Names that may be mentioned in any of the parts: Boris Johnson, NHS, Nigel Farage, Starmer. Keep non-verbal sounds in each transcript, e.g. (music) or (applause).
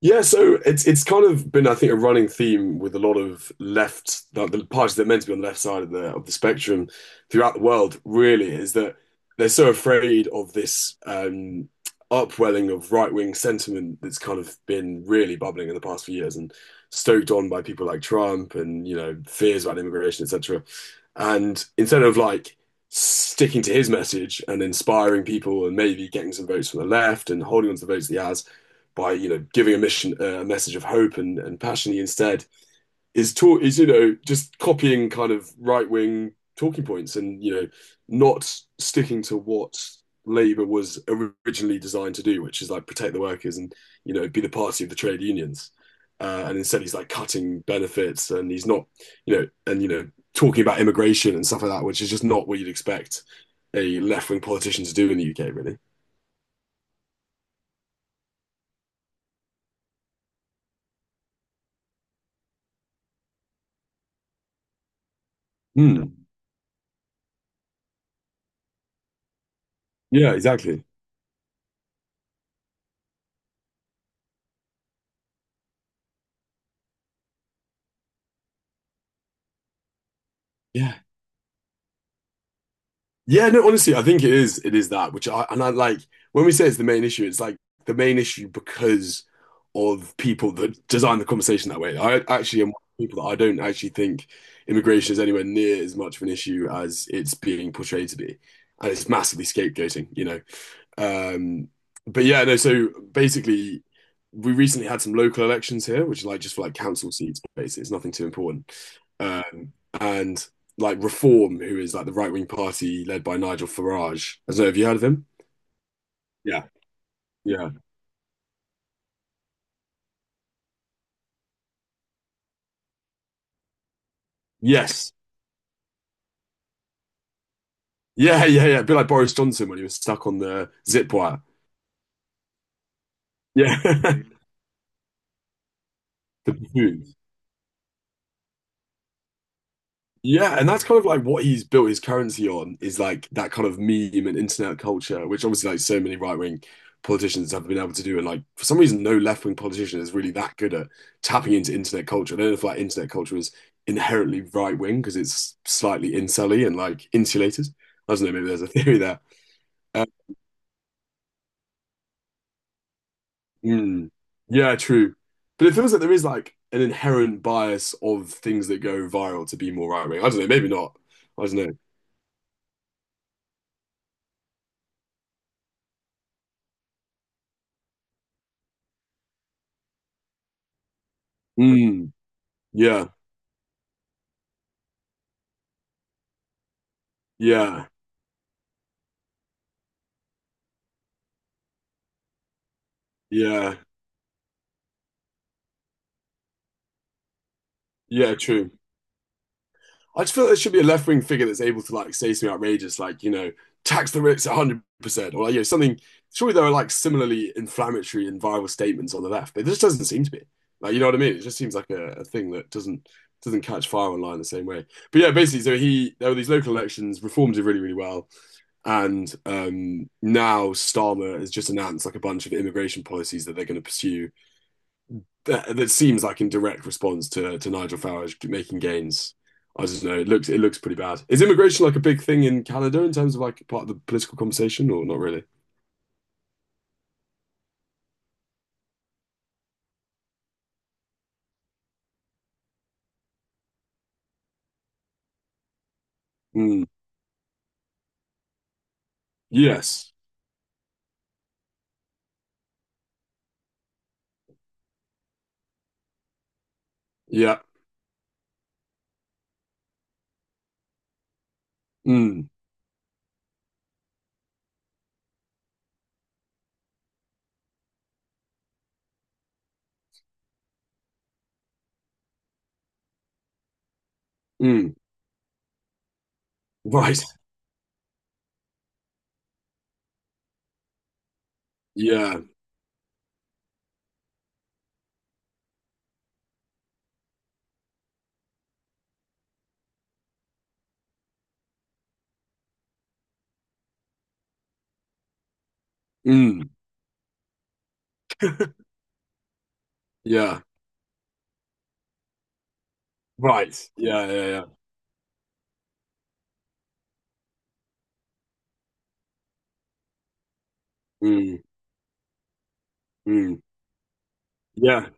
Yeah, so it's kind of been, I think, a running theme with a lot of left, like the parties that are meant to be on the left side of the spectrum throughout the world, really, is that they're so afraid of this upwelling of right-wing sentiment that's kind of been really bubbling in the past few years and stoked on by people like Trump and, you know, fears about immigration, etc. And instead of like sticking to his message and inspiring people and maybe getting some votes from the left and holding on to the votes that he has, by you know giving a mission a message of hope and passion instead is taught is you know just copying kind of right wing talking points and you know not sticking to what Labour was originally designed to do, which is like protect the workers and you know be the party of the trade unions. And instead, he's like cutting benefits, and he's not, you know, and you know, talking about immigration and stuff like that, which is just not what you'd expect a left wing politician to do in the UK, really. Mm. Yeah, exactly. Yeah, yeah, no, honestly, I think it is. It is that, which I and I like when we say it's the main issue, it's like the main issue because of people that design the conversation that way. I actually am one of the people that I don't actually think immigration is anywhere near as much of an issue as it's being portrayed to be. And it's massively scapegoating, you know. Um, but yeah, no, so basically we recently had some local elections here, which is like just for like council seats, basically. It's nothing too important. Um, and like Reform, who is like the right wing party led by Nigel Farage. I don't know, have you heard of him? Yeah. Yeah. Yes. Yeah, yeah, yeah. A bit like Boris Johnson when he was stuck on the zip wire. Yeah. (laughs) The buffoon. Yeah, and that's kind of like what he's built his currency on is like that kind of meme and internet culture, which obviously like so many right-wing politicians have been able to do. And like for some reason, no left-wing politician is really that good at tapping into internet culture. I don't know if like internet culture is inherently right-wing because it's slightly incelly and like insulated. I don't know, maybe there's a theory there. Um, mm, yeah, true. But it feels like there is like an inherent bias of things that go viral to be more right-wing. I don't know, maybe not. I don't know. Mm, yeah. Yeah. Yeah, yeah, true. I just feel there should be a left wing figure that's able to like say something outrageous, like you know, tax the rich 100%, or like, you know, something. Surely there are like similarly inflammatory and viral statements on the left, but it just doesn't seem to be. Like, you know what I mean? It just seems like a thing that doesn't catch fire online the same way. But yeah, basically, so he there were these local elections, reforms did really, really well, and now Starmer has just announced like a bunch of immigration policies that they're going to pursue that, that seems like in direct response to Nigel Farage making gains. I just know it looks pretty bad. Is immigration like a big thing in Canada in terms of like part of the political conversation or not really? Mm. Yes. Yeah. Mm. Mm. Right. Yeah. Mm. Yeah. Right. Yeah. Yeah. Yeah. Mm. Mm. Yeah.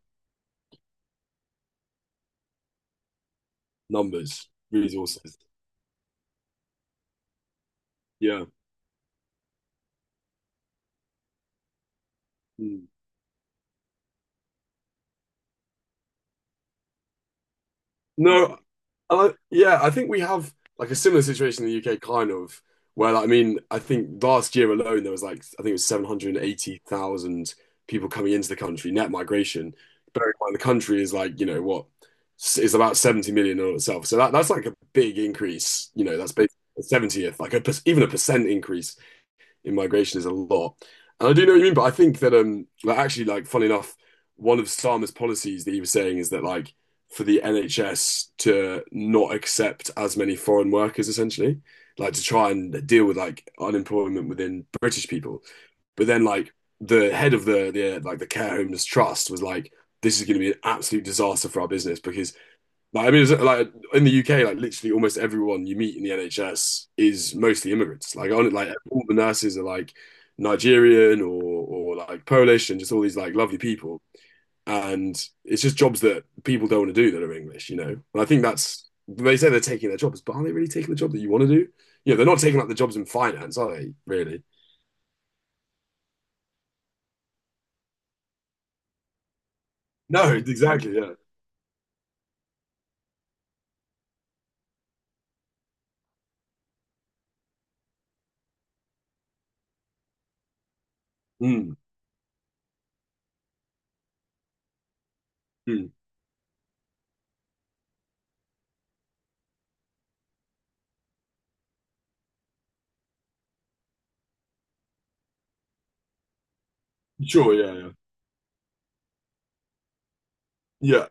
Numbers. Resources. Yeah. Mm. No, and I, like, yeah, I think we have like a similar situation in the UK, kind of, where like, I mean, I think last year alone there was like I think it was 780,000 people coming into the country, net migration. Bearing in mind the country is like, you know, what s- is about 70 million in itself. So that, that's like a big increase, you know, that's basically a 70th, like a, per- even a percent increase in migration is a lot. And I do know what you mean, but I think that like actually like funny enough, one of Sama's policies that he was saying is that like for the NHS to not accept as many foreign workers essentially, like to try and deal with like unemployment within British people. But then like the head of the like the care homeless trust was like, this is going to be an absolute disaster for our business because like, I mean, it's like in the UK, like literally almost everyone you meet in the NHS is mostly immigrants. Like on like all the nurses are like Nigerian or like Polish and just all these like lovely people. And it's just jobs that people don't want to do that are English, you know. And I think that's they say they're taking their jobs, but are they really taking the job that you want to do? You know, they're not taking up the jobs in finance, are they, really? No, (laughs) exactly, yeah. Mm, mm. Sure, yeah, yeah. Yeah.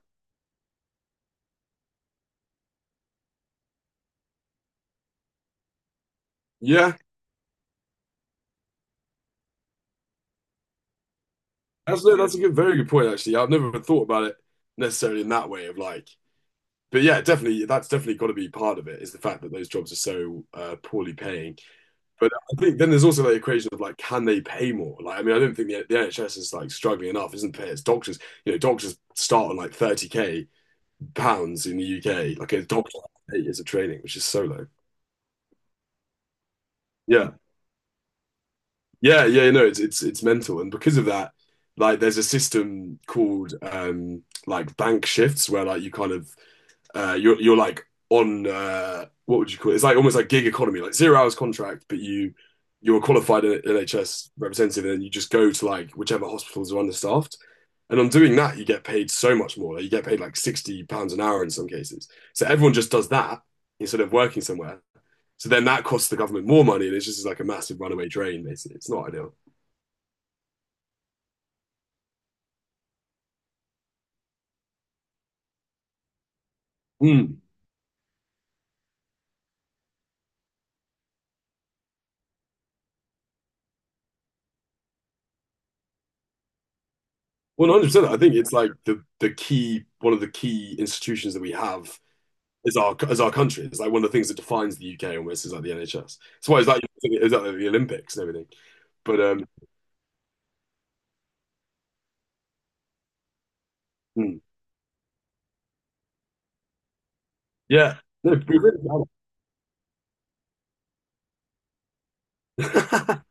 Yeah. That's no, that's a good, very good point actually. I've never thought about it necessarily in that way of like, but yeah, definitely that's definitely got to be part of it is the fact that those jobs are so poorly paying. But I think then there's also that equation of like, can they pay more? Like, I mean, I don't think the NHS is like struggling enough, isn't it? It's doctors, you know, doctors start on like 30K pounds in the UK. Like a doctor 8 years of training, which is so low. Yeah, yeah, yeah. No, it's mental, and because of that, like, there's a system called like bank shifts where like you kind of you're like on what would you call it? It's like almost like gig economy, like 0 hours contract, but you're a qualified NHS representative, and then you just go to like whichever hospitals are understaffed. And on doing that, you get paid so much more. Like, you get paid like £60 an hour in some cases. So everyone just does that instead of working somewhere. So then that costs the government more money, and it's just like a massive runaway drain. Basically, it's not ideal. Mm. Well, 100 percent I think it's like the key one of the key institutions that we have is our as our country. It's like one of the things that defines the UK almost is like the NHS. That's why it's like the Olympics and everything. But um, hmm, yeah, no, we really can. (laughs)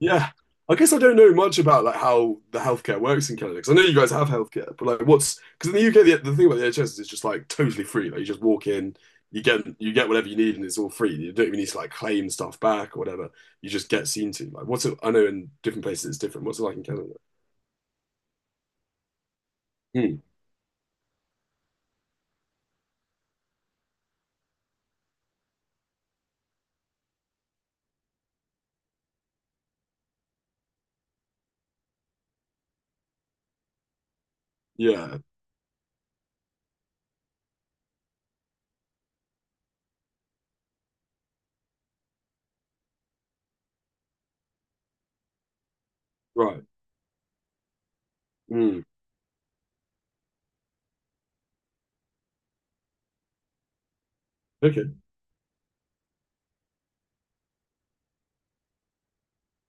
Yeah. I guess I don't know much about like how the healthcare works in Canada because I know you guys have healthcare, but like what's because in the UK the thing about the NHS is it's just like totally free. Like you just walk in, you get whatever you need, and it's all free. You don't even need to like claim stuff back or whatever. You just get seen to. Like what's it? I know in different places it's different. What's it like in Canada? Hmm. Yeah. Right. Hmm. Okay.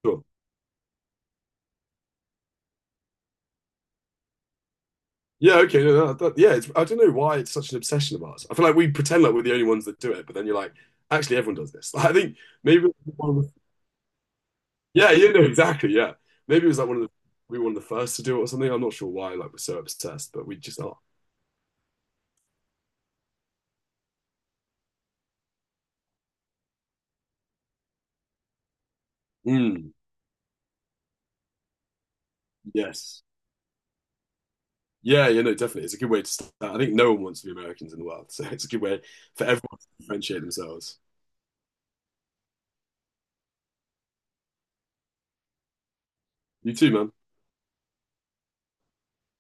Sure. Yeah. Okay. No, that, that- yeah. It's, I don't know why it's such an obsession of ours. I feel like we pretend like we're the only ones that do it, but then you're like, actually, everyone does this. (laughs) I think maybe one of the, yeah, you know, exactly. Yeah. Maybe it was like one of the, we were one of the first to do it or something. I'm not sure why, like, we're so obsessed, but we just are. Mm, yes. Yeah. Yeah. No, definitely. It's a good way to start. I think no one wants to be Americans in the world. (laughs) So it's a good way for everyone to differentiate themselves. You too, man.